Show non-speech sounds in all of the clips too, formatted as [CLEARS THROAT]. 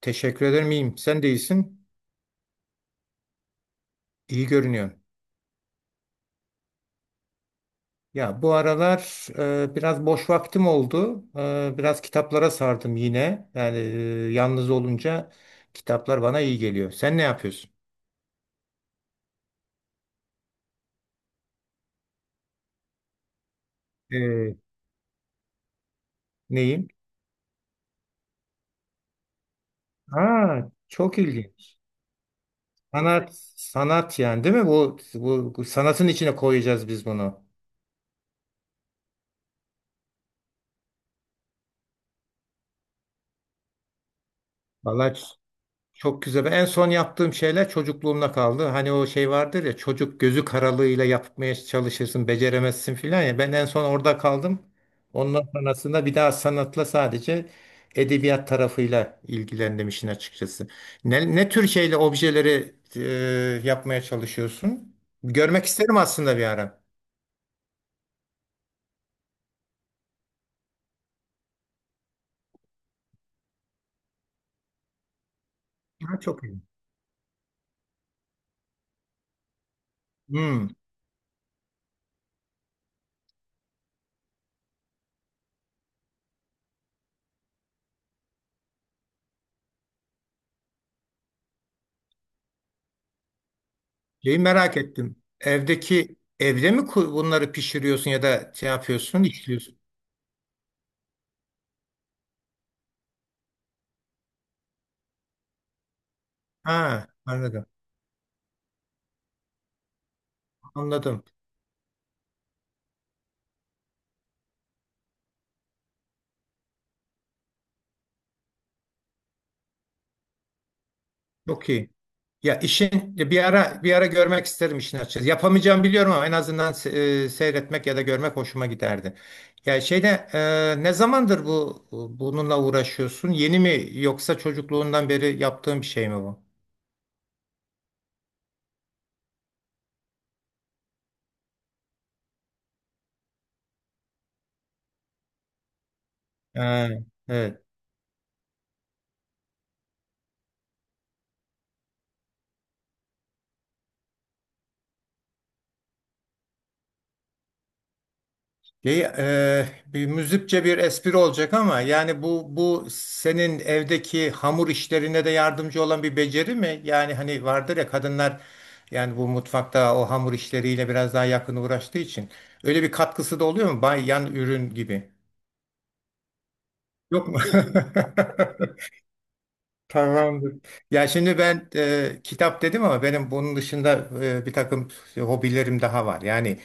Teşekkür ederim iyiyim. Sen de iyisin. İyi görünüyorsun. Ya bu aralar biraz boş vaktim oldu. Biraz kitaplara sardım yine. Yani yalnız olunca kitaplar bana iyi geliyor. Sen ne yapıyorsun? E, Neyim? Aa, çok ilginç. Sanat, sanat yani değil mi? Bu sanatın içine koyacağız biz bunu. Vallahi çok güzel. En son yaptığım şeyler çocukluğumda kaldı. Hani o şey vardır ya, çocuk gözü karalığıyla yapmaya çalışırsın, beceremezsin filan ya. Ben en son orada kaldım. Ondan sonrasında bir daha sanatla sadece edebiyat tarafıyla ilgilendim işin açıkçası. Ne tür şeyle objeleri yapmaya çalışıyorsun? Görmek isterim aslında bir ara. Ha, çok iyi. Hmm. Şeyi merak ettim. Evde mi bunları pişiriyorsun ya da şey yapıyorsun, işliyorsun? Ha, anladım. Anladım. Çok iyi. Ya işin bir ara görmek isterim işin açıkçası. Yapamayacağım biliyorum ama en azından seyretmek ya da görmek hoşuma giderdi. Ya şeyde ne zamandır bu bununla uğraşıyorsun? Yeni mi yoksa çocukluğundan beri yaptığın bir şey mi bu? Ha, evet. Şey, bir müzikçe bir espri olacak ama yani bu senin evdeki hamur işlerine de yardımcı olan bir beceri mi? Yani hani vardır ya, kadınlar yani bu mutfakta o hamur işleriyle biraz daha yakın uğraştığı için öyle bir katkısı da oluyor mu? Bay yan ürün gibi. Yok mu? [LAUGHS] Tamamdır. Ya şimdi ben kitap dedim ama benim bunun dışında bir takım hobilerim daha var. Yani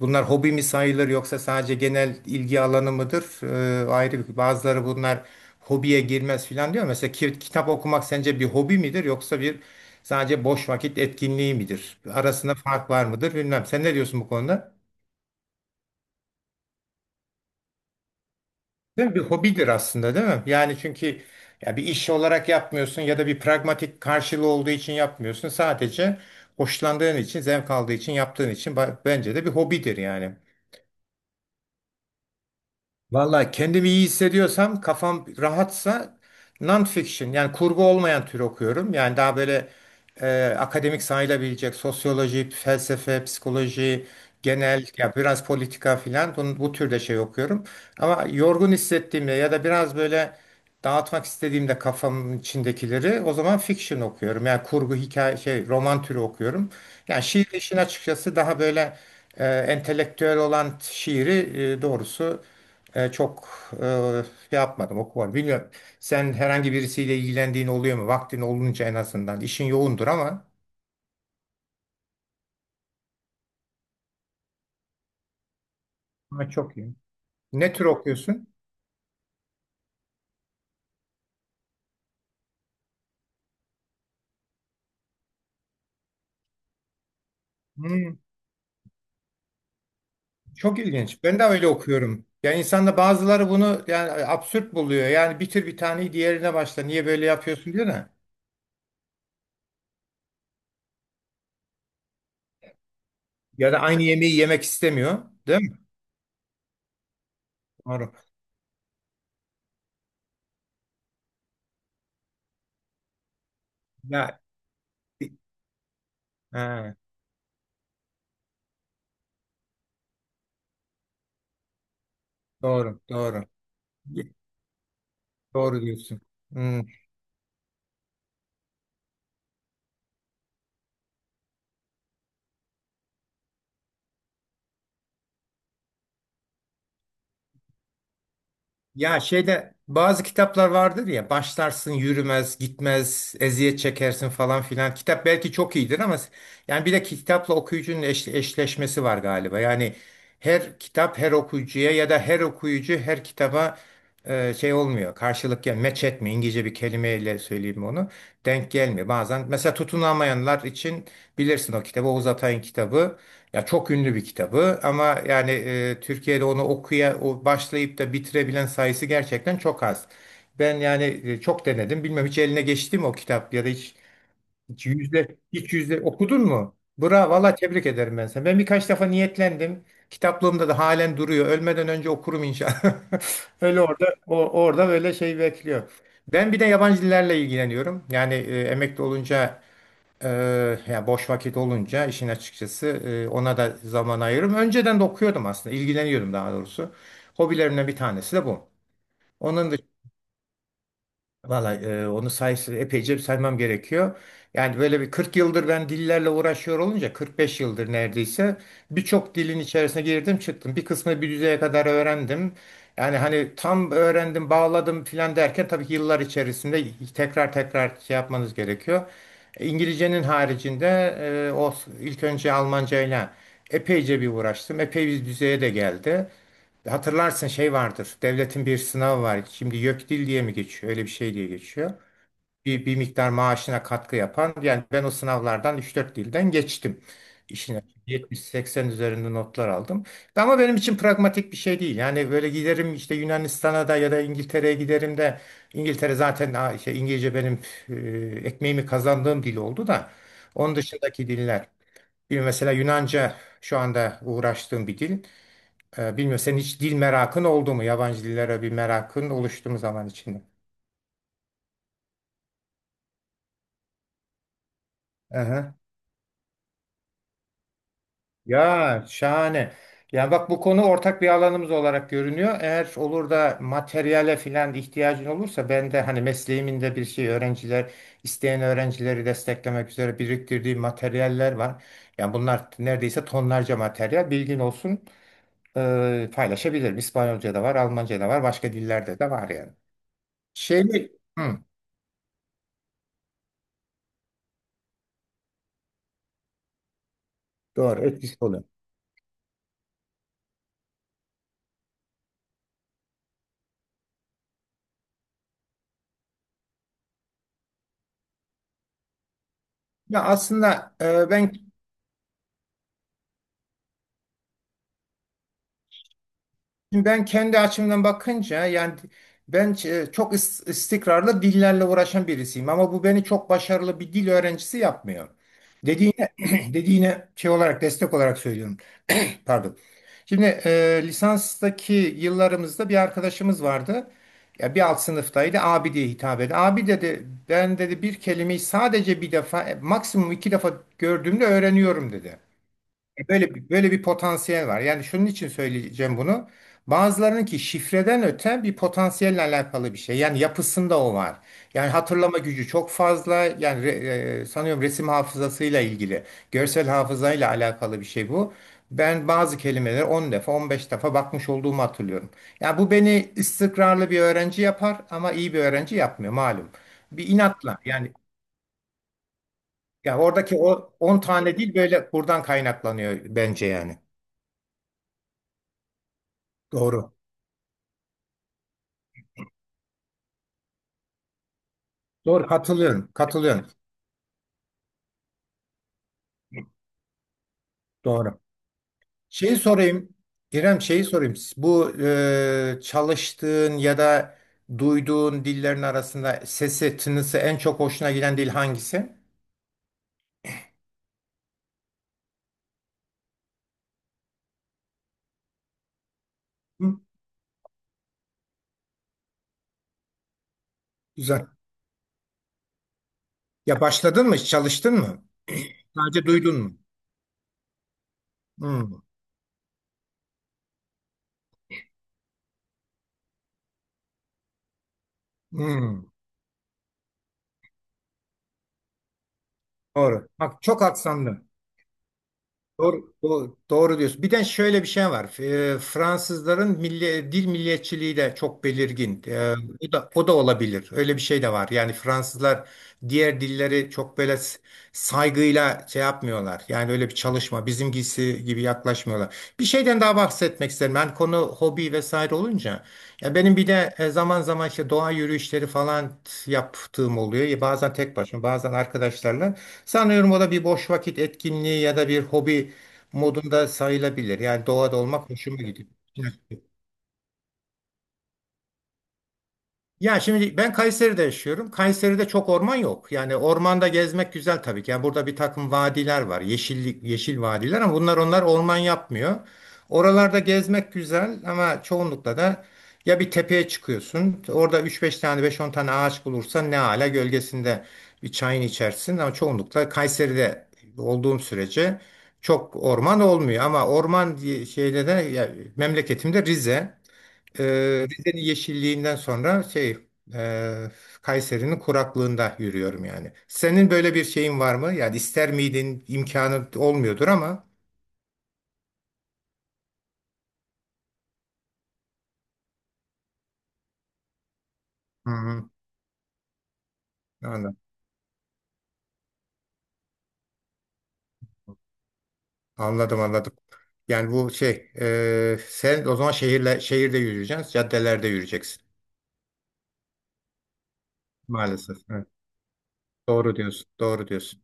bunlar hobi mi sayılır yoksa sadece genel ilgi alanı mıdır? Ayrı bir, bazıları bunlar hobiye girmez filan diyor. Mesela kitap okumak sence bir hobi midir yoksa bir sadece boş vakit etkinliği midir? Arasında fark var mıdır bilmem. Sen ne diyorsun bu konuda? Değil mi? Bir hobidir aslında değil mi? Yani çünkü ya bir iş olarak yapmıyorsun ya da bir pragmatik karşılığı olduğu için yapmıyorsun. Sadece hoşlandığın için, zevk aldığı için, yaptığın için bence de bir hobidir yani. Valla kendimi iyi hissediyorsam, kafam rahatsa non-fiction yani kurgu olmayan tür okuyorum. Yani daha böyle akademik sayılabilecek sosyoloji, felsefe, psikoloji, genel ya biraz politika filan bu türde şey okuyorum. Ama yorgun hissettiğimde ya da biraz böyle dağıtmak istediğimde kafamın içindekileri, o zaman fiction okuyorum. Yani kurgu, hikaye, şey, roman türü okuyorum. Yani şiir işin açıkçası daha böyle entelektüel olan şiiri doğrusu çok e, şey yapmadım, okumadım. Bilmiyorum. Sen herhangi birisiyle ilgilendiğin oluyor mu? Vaktin olunca en azından. İşin yoğundur ama. Ama çok iyi. Ne tür okuyorsun? Hmm, çok ilginç. Ben de öyle okuyorum. Yani insanda bazıları bunu yani absürt buluyor. Yani bitir bir taneyi diğerine başla. Niye böyle yapıyorsun diyor da. Ya da aynı yemeği yemek istemiyor. Değil mi? Doğru. Ya, ha, doğru, doğru. Doğru diyorsun. Hmm. Ya şeyde bazı kitaplar vardır ya, başlarsın yürümez gitmez eziyet çekersin falan filan. Kitap belki çok iyidir ama yani bir de kitapla okuyucunun eşleşmesi var galiba. Yani her kitap her okuyucuya ya da her okuyucu her kitaba şey olmuyor. Karşılık ya match etmiyor. İngilizce bir kelimeyle söyleyeyim onu. Denk gelmiyor. Bazen mesela tutunamayanlar için bilirsin o kitabı, Oğuz Atay'ın kitabı. Ya çok ünlü bir kitabı ama yani Türkiye'de onu okuya o başlayıp da bitirebilen sayısı gerçekten çok az. Ben yani çok denedim. Bilmem hiç eline geçti mi o kitap ya da hiç, hiç yüzde hiç yüzde okudun mu? Bravo, valla tebrik ederim ben sana. Ben birkaç defa niyetlendim. Kitaplığımda da halen duruyor. Ölmeden önce okurum inşallah. [LAUGHS] Öyle orada o, orada böyle şey bekliyor. Ben bir de yabancı dillerle ilgileniyorum. Yani emekli olunca ya boş vakit olunca işin açıkçası ona da zaman ayırırım. Önceden de okuyordum aslında, ilgileniyordum daha doğrusu. Hobilerimden bir tanesi de bu. Onun valla onu sayısı epeyce saymam gerekiyor. Yani böyle bir 40 yıldır ben dillerle uğraşıyor olunca 45 yıldır neredeyse birçok dilin içerisine girdim çıktım. Bir kısmını bir düzeye kadar öğrendim. Yani hani tam öğrendim bağladım filan derken tabii ki yıllar içerisinde tekrar tekrar şey yapmanız gerekiyor. İngilizcenin haricinde o ilk önce Almanca ile epeyce bir uğraştım. Epey bir düzeye de geldi. Hatırlarsın şey vardır. Devletin bir sınavı var. Şimdi YÖKDİL diye mi geçiyor? Öyle bir şey diye geçiyor. Bir miktar maaşına katkı yapan. Yani ben o sınavlardan üç dört dilden geçtim. İşine 70-80 üzerinde notlar aldım. Ama benim için pragmatik bir şey değil. Yani böyle giderim işte Yunanistan'a da ya da İngiltere'ye giderim de İngiltere zaten ha, işte İngilizce benim ekmeğimi kazandığım dil oldu da onun dışındaki diller. Bir mesela Yunanca şu anda uğraştığım bir dil. Bilmiyorum senin hiç dil merakın oldu mu? Yabancı dillere bir merakın oluştu mu zaman içinde? Aha. Ya şahane. Yani bak bu konu ortak bir alanımız olarak görünüyor. Eğer olur da materyale filan ihtiyacın olursa ben de hani mesleğimin de bir şey öğrenciler isteyen öğrencileri desteklemek üzere biriktirdiğim materyaller var. Yani bunlar neredeyse tonlarca materyal bilgin olsun paylaşabilirim. İspanyolca da var, Almanca da var, başka dillerde de var yani. Şey mi? Hı, doğru etkisi oluyor. Ya aslında ben kendi açımdan bakınca yani ben çok istikrarlı dillerle uğraşan birisiyim ama bu beni çok başarılı bir dil öğrencisi yapmıyor. Dediğine [CLEARS THROAT] dediğine şey olarak destek olarak söylüyorum. [CLEARS THROAT] Pardon. Şimdi lisanstaki yıllarımızda bir arkadaşımız vardı. Ya bir alt sınıftaydı. Abi diye hitap etti. Abi dedi, ben dedi bir kelimeyi sadece bir defa maksimum iki defa gördüğümde öğreniyorum dedi. Böyle bir potansiyel var. Yani şunun için söyleyeceğim bunu. Bazılarının ki şifreden öte bir potansiyelle alakalı bir şey. Yani yapısında o var. Yani hatırlama gücü çok fazla. Yani sanıyorum resim hafızasıyla ilgili, görsel hafızayla alakalı bir şey bu. Ben bazı kelimeleri 10 defa, 15 defa bakmış olduğumu hatırlıyorum. Yani bu beni istikrarlı bir öğrenci yapar ama iyi bir öğrenci yapmıyor malum. Bir inatla yani ya oradaki o 10 tane değil böyle buradan kaynaklanıyor bence yani. Doğru. Doğru katılıyorum. Katılıyorum. Doğru. Şeyi sorayım. İrem şeyi sorayım. Bu çalıştığın ya da duyduğun dillerin arasında sesi, tınısı en çok hoşuna giden dil hangisi? Hı, güzel. Ya başladın mı? Çalıştın mı? Sadece duydun mu? Hı, hı. Doğru. Bak çok aksanlı. Doğru, doğru, doğru diyorsun. Bir de şöyle bir şey var. Fransızların milli, dil milliyetçiliği de çok belirgin. O da, o da olabilir. Öyle bir şey de var. Yani Fransızlar diğer dilleri çok böyle saygıyla şey yapmıyorlar. Yani öyle bir çalışma bizimkisi gibi yaklaşmıyorlar. Bir şeyden daha bahsetmek isterim. Ben konu hobi vesaire olunca. Ya benim bir de zaman zaman işte doğa yürüyüşleri falan yaptığım oluyor. Ya bazen tek başıma, bazen arkadaşlarla. Sanıyorum o da bir boş vakit etkinliği ya da bir hobi modunda sayılabilir. Yani doğada olmak hoşuma gidiyor. Ya şimdi ben Kayseri'de yaşıyorum. Kayseri'de çok orman yok. Yani ormanda gezmek güzel tabii ki. Yani burada bir takım vadiler var. Yeşillik, yeşil vadiler ama bunlar onlar orman yapmıyor. Oralarda gezmek güzel ama çoğunlukla da ya bir tepeye çıkıyorsun. Orada üç beş tane beş on tane ağaç bulursan ne ala, gölgesinde bir çayını içersin ama çoğunlukla Kayseri'de olduğum sürece çok orman olmuyor ama orman diye şeyde de ya, memleketimde Rize. Rize'nin yeşilliğinden sonra şey e, Kayseri'nin kuraklığında yürüyorum yani. Senin böyle bir şeyin var mı? Yani ister miydin? İmkanı olmuyordur ama. Hı hı. Anladım, anladım. Anladım. Yani bu şey sen o zaman şehirle şehirde yürüyeceksin, caddelerde yürüyeceksin maalesef. Evet. Doğru diyorsun, doğru diyorsun.